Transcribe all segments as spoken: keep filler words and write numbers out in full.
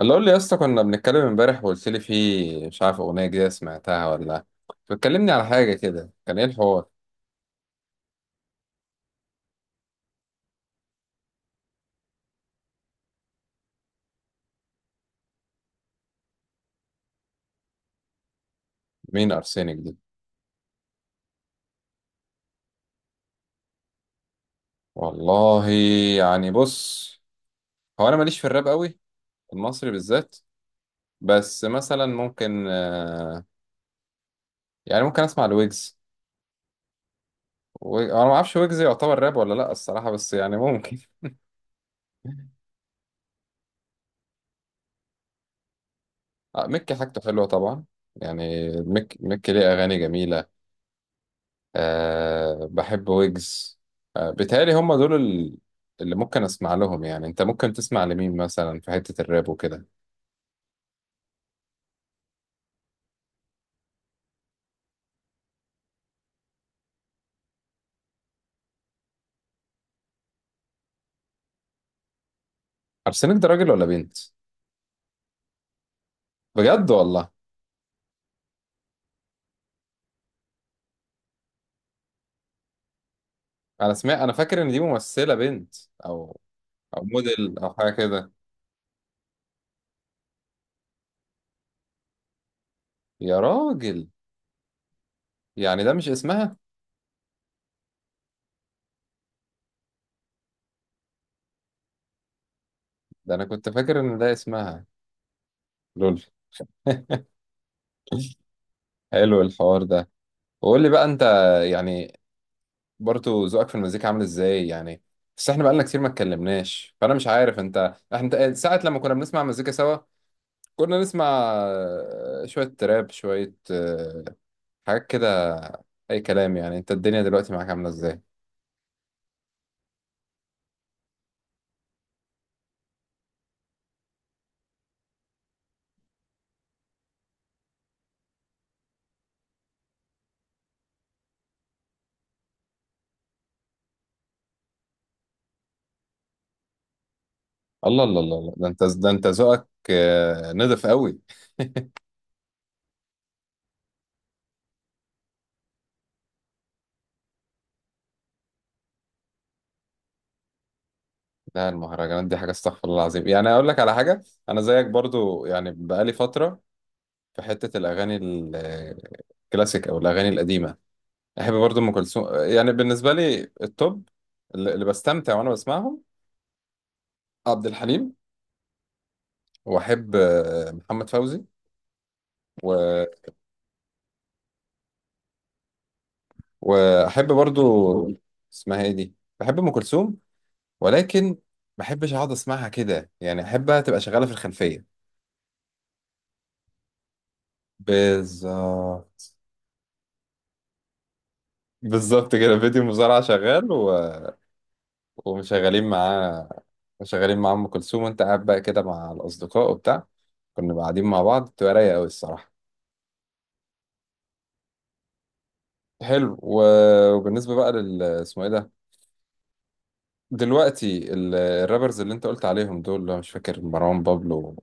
اللي قول لي يا اسطى، كنا بنتكلم امبارح وقلت لي في، مش عارف، اغنيه جديده سمعتها ولا بتكلمني على حاجه كده، كان ايه الحوار؟ مين ارسينك دي؟ والله، يعني بص، هو انا ماليش في الراب قوي، المصري بالذات، بس مثلا ممكن، آه، يعني ممكن اسمع لويجز. و- انا ما اعرفش ويجز يعتبر راب ولا لا الصراحه، بس يعني ممكن. آه، مكي حاجته حلوه طبعا، يعني مك مكي ليه اغاني جميله. أه بحب ويجز. أه بيتهيألي هم دول ال- اللي ممكن اسمع لهم، يعني انت ممكن تسمع لمين مثلا في حتة الراب وكده؟ عارسنك ده راجل ولا بنت؟ بجد والله. انا سمعت، انا فاكر ان دي ممثلة بنت، او او موديل او حاجة كده. يا راجل، يعني ده مش اسمها؟ ده انا كنت فاكر ان ده اسمها. لول. حلو الحوار ده. وقول لي بقى انت، يعني، برضو ذوقك في المزيكا عامل ازاي يعني؟ بس احنا بقالنا كتير ما اتكلمناش، فانا مش عارف انت، احنا ساعة لما كنا بنسمع مزيكا سوا كنا نسمع آه، شوية تراب، شوية آه، حاجات كده، اي كلام، يعني انت الدنيا دلوقتي معاك عاملة ازاي؟ الله الله الله الله، ده انت ده انت ذوقك آه، نضف قوي. لا المهرجانات دي حاجة استغفر الله العظيم، يعني اقول لك على حاجة، انا زيك برضو يعني، بقالي فترة في حتة الاغاني ال- آه، الكلاسيك او الاغاني القديمة. احب برضه ام كلثوم، يعني بالنسبه لي التوب، اللي اللي بستمتع وانا بسمعهم، عبد الحليم، واحب آه، محمد فوزي، و... واحب برضه، اسمها ايه دي، بحب ام كلثوم، ولكن ما بحبش اقعد اسمعها كده يعني، احبها تبقى شغاله في الخلفيه. بالظبط. بالظبط كده، فيديو مزارع شغال و... ومشغلين معاه، مشغلين مع ام كلثوم، وانت قاعد بقى كده مع الاصدقاء وبتاع، كنا قاعدين مع بعض، بتبقى رايقه قوي الصراحه. حلو و... وبالنسبة بقى لل، اسمه ايه ده، دلوقتي ال- الرابرز اللي انت قلت عليهم دول، اللي هو مش فاكر، مروان بابلو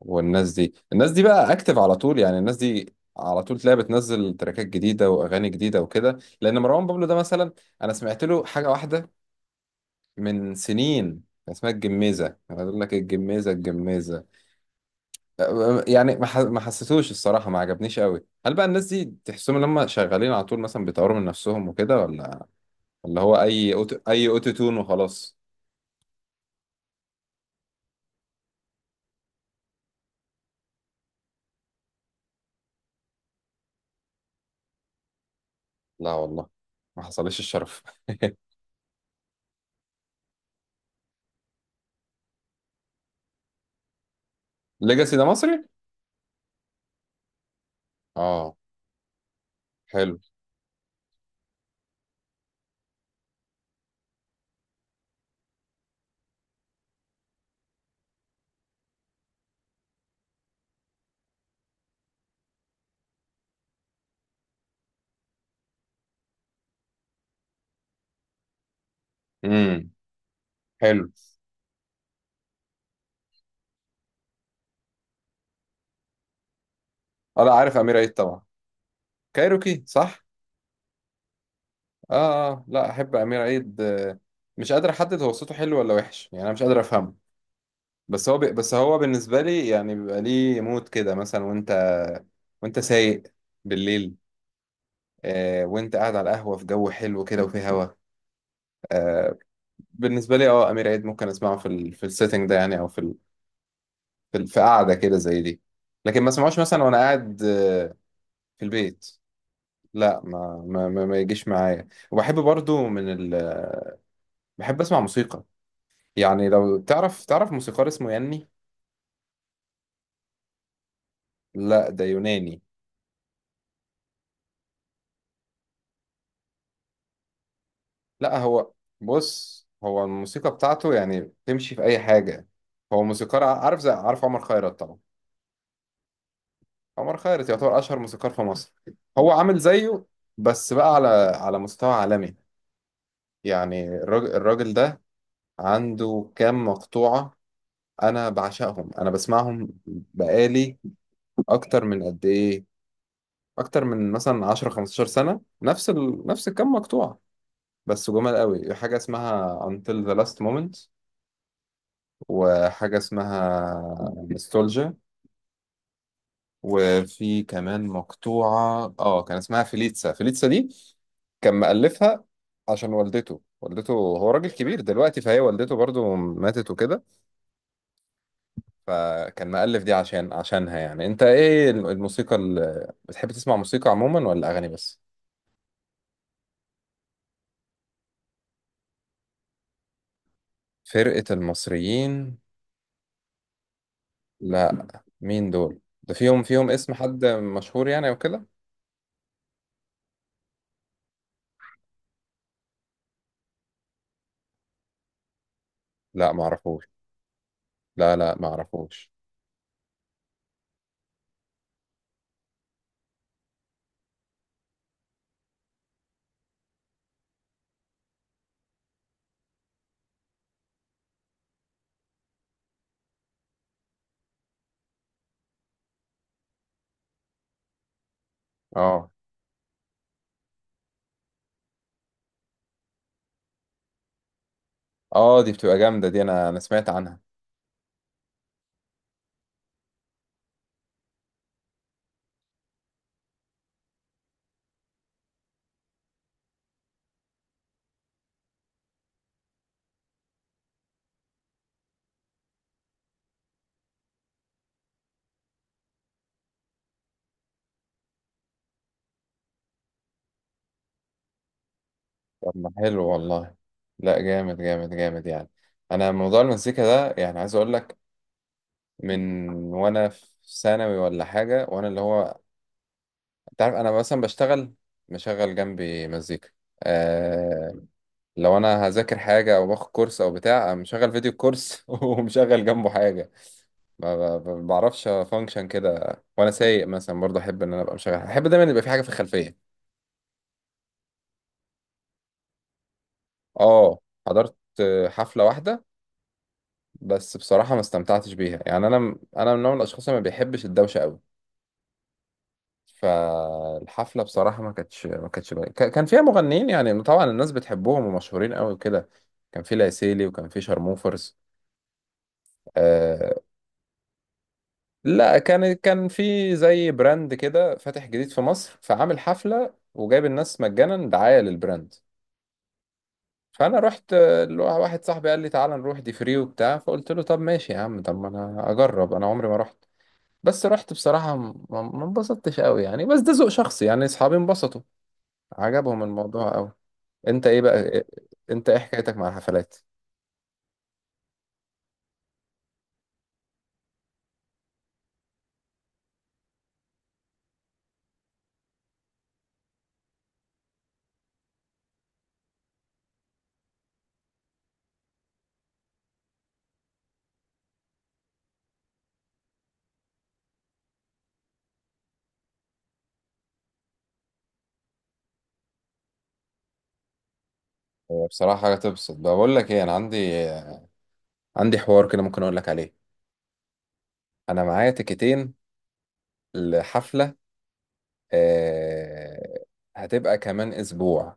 والناس دي الناس دي بقى اكتف على طول يعني، الناس دي على طول تلاقيها بتنزل تراكات جديدة واغاني جديدة وكده، لان مروان بابلو ده مثلا انا سمعت له حاجة واحدة من سنين، كان اسمها الجميزة، انا اقول لك الجميزة الجميزة، يعني ما ح- ما حسيتوش الصراحة، ما عجبنيش قوي. هل بقى الناس دي تحسهم ان هم شغالين على طول مثلا، بيطوروا من نفسهم وكده، ولا اللي هو اي أوتو... اي اوتو تون وخلاص؟ لا والله ما حصلش الشرف. ليجاسي ده مصري؟ اه حلو. امم حلو. اه لا عارف امير عيد طبعا، كايروكي صح؟ اه اه لا احب امير عيد، آه، مش قادر احدد هو صوته حلو ولا وحش يعني، انا مش قادر افهمه. بس هو ب... بس هو بالنسبه لي يعني بيبقى ليه مود كده مثلا، وانت وانت سايق بالليل، آه، وانت قاعد على القهوه في جو حلو كده، وفي هوا، آه. بالنسبه لي اه امير عيد ممكن اسمعه في ال... في السيتنج ده يعني، او في في في قعده كده زي دي، لكن ما اسمعوش مثلا وانا قاعد آه، في البيت. لا ما ما ما, ما يجيش معايا، وبحب برضو من ال... بحب اسمع موسيقى، يعني لو تعرف تعرف موسيقار اسمه ياني. لا ده يوناني. لا هو بص، هو الموسيقى بتاعته يعني تمشي في اي حاجه، هو موسيقار ع- عارف زي عارف عمر خيرت طبعا. عمر خيرت يعتبر اشهر موسيقار في مصر، هو عامل زيه، بس بقى على على مستوى عالمي يعني، الراجل الراجل ده عنده كام مقطوعة، انا بعشقهم، انا بسمعهم بقالي، اكتر من قد ايه اكتر من مثلا عشر خمستاشر سنه، نفس ال... نفس الكم مقطوعه، بس جمال قوي، حاجه اسمها Until the Last Moment، وحاجه اسمها Nostalgia، وفي كمان مقطوعه اه كان اسمها فيليتسا. فيليتسا دي كان مؤلفها عشان والدته. والدته، هو راجل كبير دلوقتي، فهي والدته برضو ماتت وكده، فكان مألف دي عشان عشانها يعني. انت ايه الموسيقى اللي بتحب تسمع، موسيقى عموما ولا اغاني بس؟ فرقة المصريين؟ لا، مين دول؟ ده فيهم فيهم اسم حد مشهور يعني او كده؟ لا معرفوش. لا، لا، معرفوش. اه. اه دي بتبقى جامدة دي، انا انا سمعت عنها. طب ما حلو والله. لا جامد جامد جامد يعني. انا موضوع المزيكا ده يعني عايز اقول لك، من وانا في ثانوي ولا حاجة، وانا اللي هو انت عارف، انا مثلا بشتغل مشغل جنبي مزيكا، آه لو انا هذاكر حاجه او باخد كورس او بتاع، أنا مشغل فيديو كورس، ومشغل جنبه حاجه. ما ما- ما بعرفش فانكشن كده، وانا سايق مثلا برضه احب ان انا ابقى مشغل، احب دايما يبقى في حاجه في الخلفيه. اه حضرت آه، حفله واحده، بس بصراحه ما استمتعتش بيها يعني، انا انا من نوع من الاشخاص اللي ما بيحبش الدوشه قوي. فالحفله بصراحه، ما كانتش ما كانتش ك- كان فيها مغنيين يعني طبعا الناس بتحبهم ومشهورين قوي وكده، كان في لاسيلي وكان في شارموفرز، آه. لا كان كان في زي براند كده فاتح جديد في مصر، فعامل حفله وجايب الناس مجانا دعايه للبراند، فانا رحت، آه، ل- واحد صاحبي قال لي تعالى نروح، دي فري وبتاع، فقلت له طب ماشي يا عم، طب ما انا اجرب، انا عمري ما رحت. بس رحت بصراحه ما ما انبسطتش قوي يعني، بس ده ذوق شخصي يعني، اصحابي انبسطوا، عجبهم الموضوع قوي. انت ايه بقى، إيه- انت ايه حكايتك مع الحفلات؟ هي بصراحة حاجة تبسط، بقول لك ايه، انا عندي عندي حوار كده ممكن اقول لك عليه. انا معايا تيكتين لحفلة، آه، هتبقى كمان اسبوع،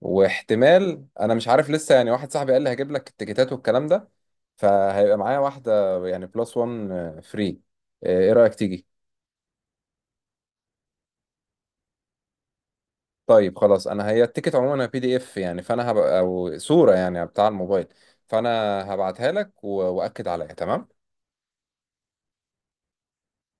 واحتمال، انا مش عارف لسه يعني، واحد صاحبي قال لي هجيب لك التيكتات والكلام ده، فهيبقى معايا واحدة يعني، بلس وان فري، ايه رأيك تيجي؟ طيب خلاص، انا هي التيكت عموما بي دي اف يعني، فانا هبقى او صورة يعني، بتاع الموبايل، فانا هبعتها لك و- واكد عليها، تمام.